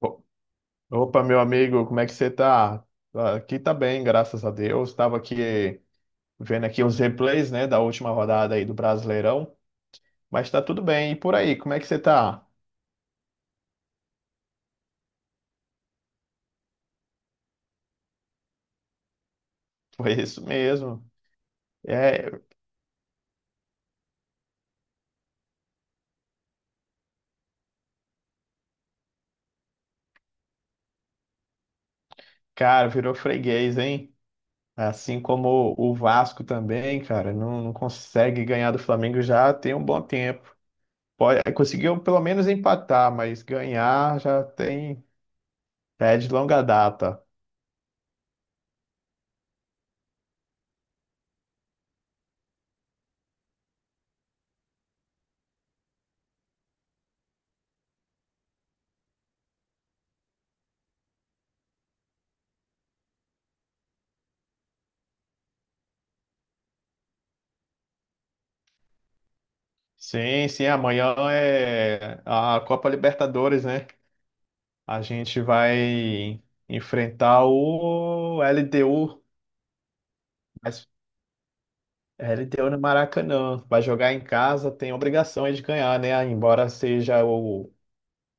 O- Opa, meu amigo, como é que você tá? Ah, aqui tá bem, graças a Deus. Estava aqui vendo aqui os replays, né, da última rodada aí do Brasileirão, mas tá tudo bem. E por aí, como é que você tá? Foi isso mesmo. É, cara, virou freguês, hein? Assim como o Vasco também, cara, não consegue ganhar do Flamengo já tem um bom tempo. Pode, conseguiu pelo menos empatar, mas ganhar já tem, é de longa data. Sim, sim, amanhã é a Copa Libertadores, né? A gente vai enfrentar o LDU, mas LDU no Maracanã. Vai jogar em casa, tem obrigação aí de ganhar, né? Embora seja o,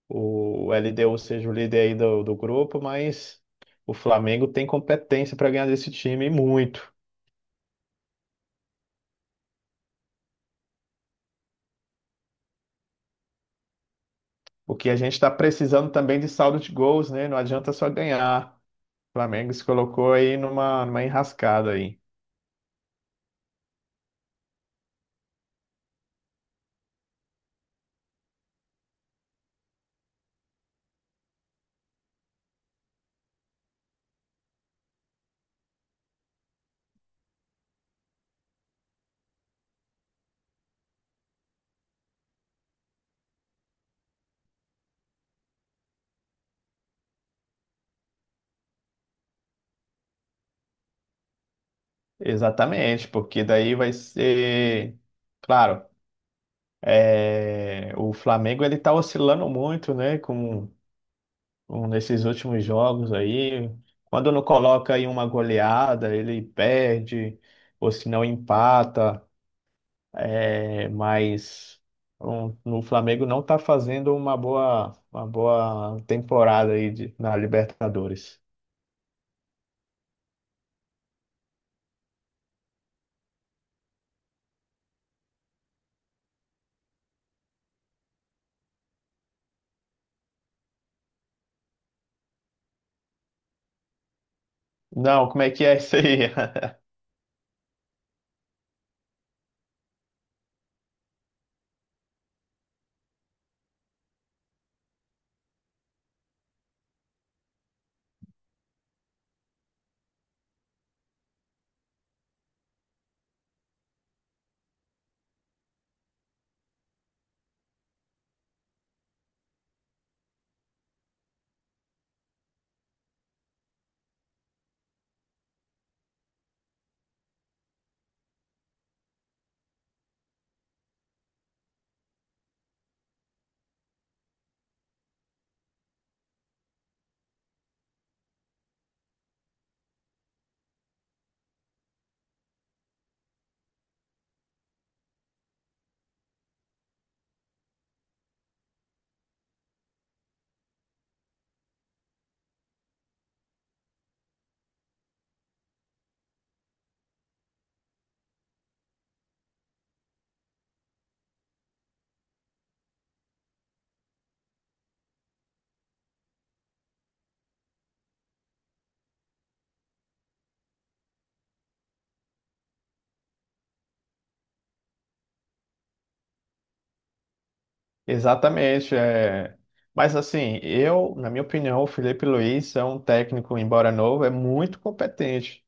o LDU seja o líder aí do grupo, mas o Flamengo tem competência para ganhar desse time e muito. O que a gente está precisando também de saldo de gols, né? Não adianta só ganhar. O Flamengo se colocou aí numa enrascada aí. Exatamente, porque daí vai ser, claro, é, o Flamengo ele tá oscilando muito, né, com nesses últimos jogos aí. Quando não coloca aí uma goleada, ele perde, ou se não empata, é, mas um, o Flamengo não tá fazendo uma boa temporada aí na Libertadores. Não, como é que é isso aí? Exatamente, é. Mas assim, eu, na minha opinião, o Felipe Luiz é um técnico, embora novo, é muito competente.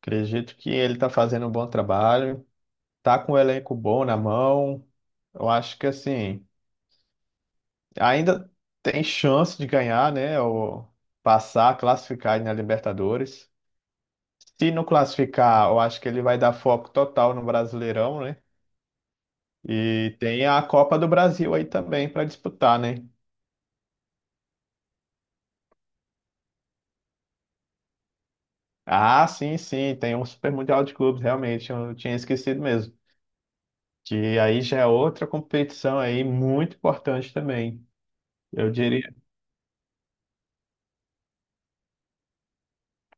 Acredito que ele está fazendo um bom trabalho, tá com o elenco bom na mão. Eu acho que assim, ainda tem chance de ganhar, né? Ou passar, classificar na Libertadores. Se não classificar, eu acho que ele vai dar foco total no Brasileirão, né? E tem a Copa do Brasil aí também para disputar, né? Ah, sim, sim, tem um Super Mundial de Clubes, realmente, eu tinha esquecido mesmo. Que aí já é outra competição aí muito importante também. Eu diria,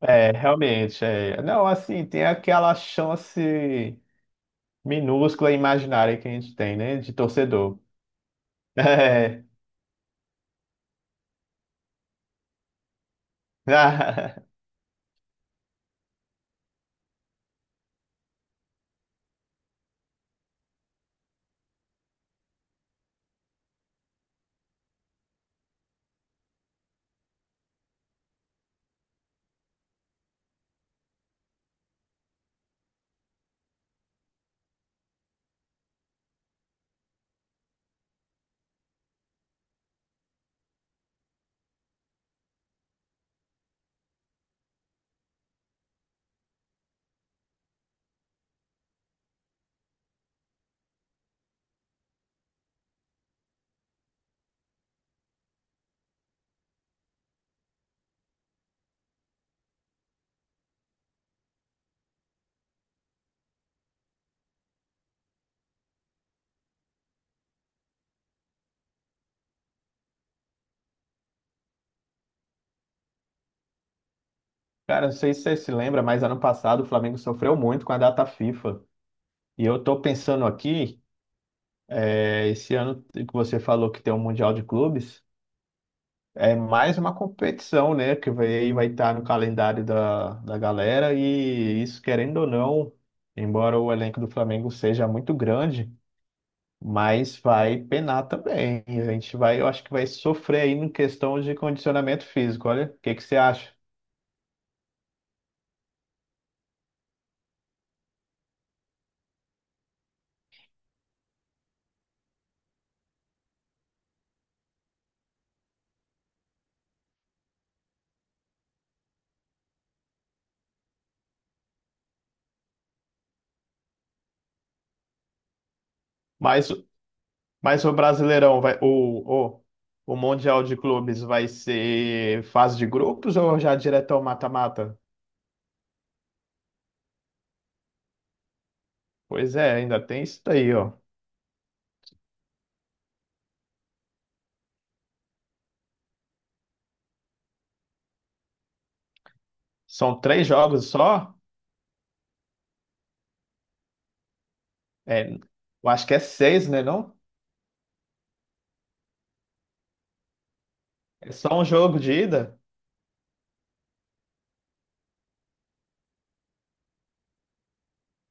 é, realmente, é. Não, assim, tem aquela chance minúscula e imaginária que a gente tem, né, de torcedor. É. Cara, não sei se você se lembra, mas ano passado o Flamengo sofreu muito com a data FIFA. E eu tô pensando aqui, é, esse ano que você falou que tem um Mundial de Clubes, é mais uma competição, né, que vai estar no calendário da galera e isso, querendo ou não, embora o elenco do Flamengo seja muito grande, mas vai penar também. E a gente vai, eu acho que vai sofrer aí em questão de condicionamento físico. Olha, o que que você acha? Mas, mas o Brasileirão vai, o Mundial de Clubes vai ser fase de grupos ou já direto ao mata-mata? Pois é, ainda tem isso daí, ó. São três jogos só? É, eu acho que é seis, né, não? É só um jogo de ida?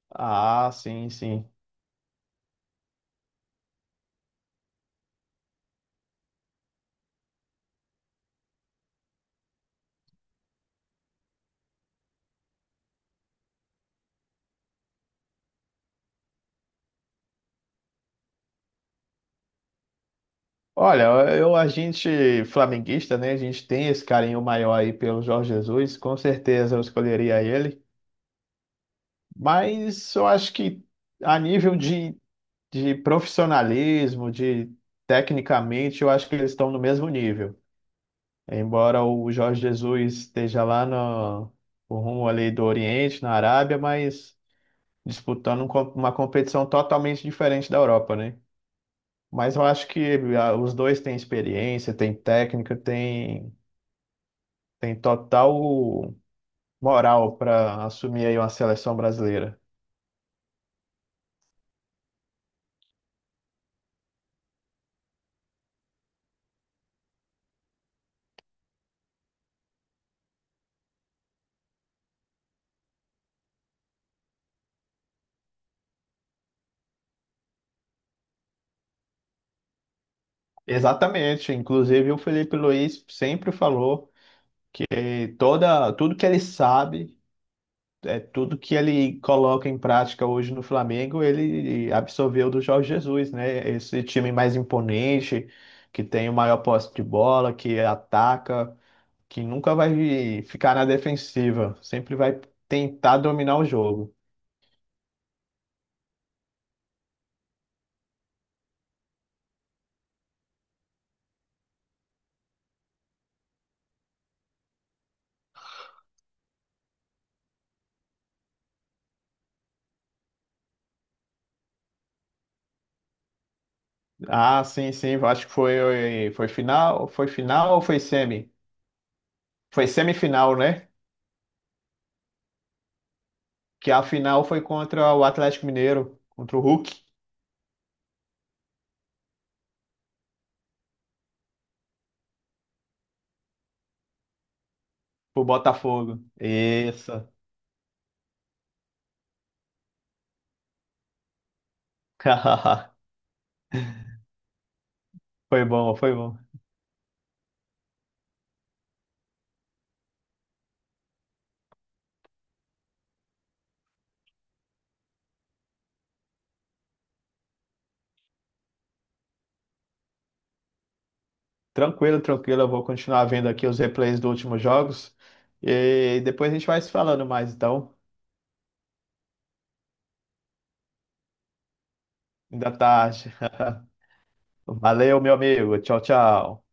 Ah, sim, sim. Olha, eu, a gente flamenguista, né? A gente tem esse carinho maior aí pelo Jorge Jesus. Com certeza eu escolheria ele. Mas eu acho que a nível de profissionalismo, de tecnicamente, eu acho que eles estão no mesmo nível. Embora o Jorge Jesus esteja lá no rumo ali do Oriente, na Arábia, mas disputando uma competição totalmente diferente da Europa, né? Mas eu acho que ah, os dois têm experiência, têm técnica, têm total moral para assumir aí uma seleção brasileira. Exatamente, inclusive o Felipe Luiz sempre falou que toda, tudo que ele sabe, é tudo que ele coloca em prática hoje no Flamengo, ele absorveu do Jorge Jesus, né? Esse time mais imponente, que tem o maior posse de bola, que ataca que nunca vai ficar na defensiva, sempre vai tentar dominar o jogo. Ah, sim, sim, eu acho que foi, foi final ou foi semi? Foi semifinal, né? Que a final foi contra o Atlético Mineiro, contra o Hulk, o Botafogo. Isso. Foi bom, foi bom. Tranquilo, tranquilo, eu vou continuar vendo aqui os replays dos últimos jogos e depois a gente vai se falando mais, então. Ainda tarde. Valeu, meu amigo. Tchau, tchau.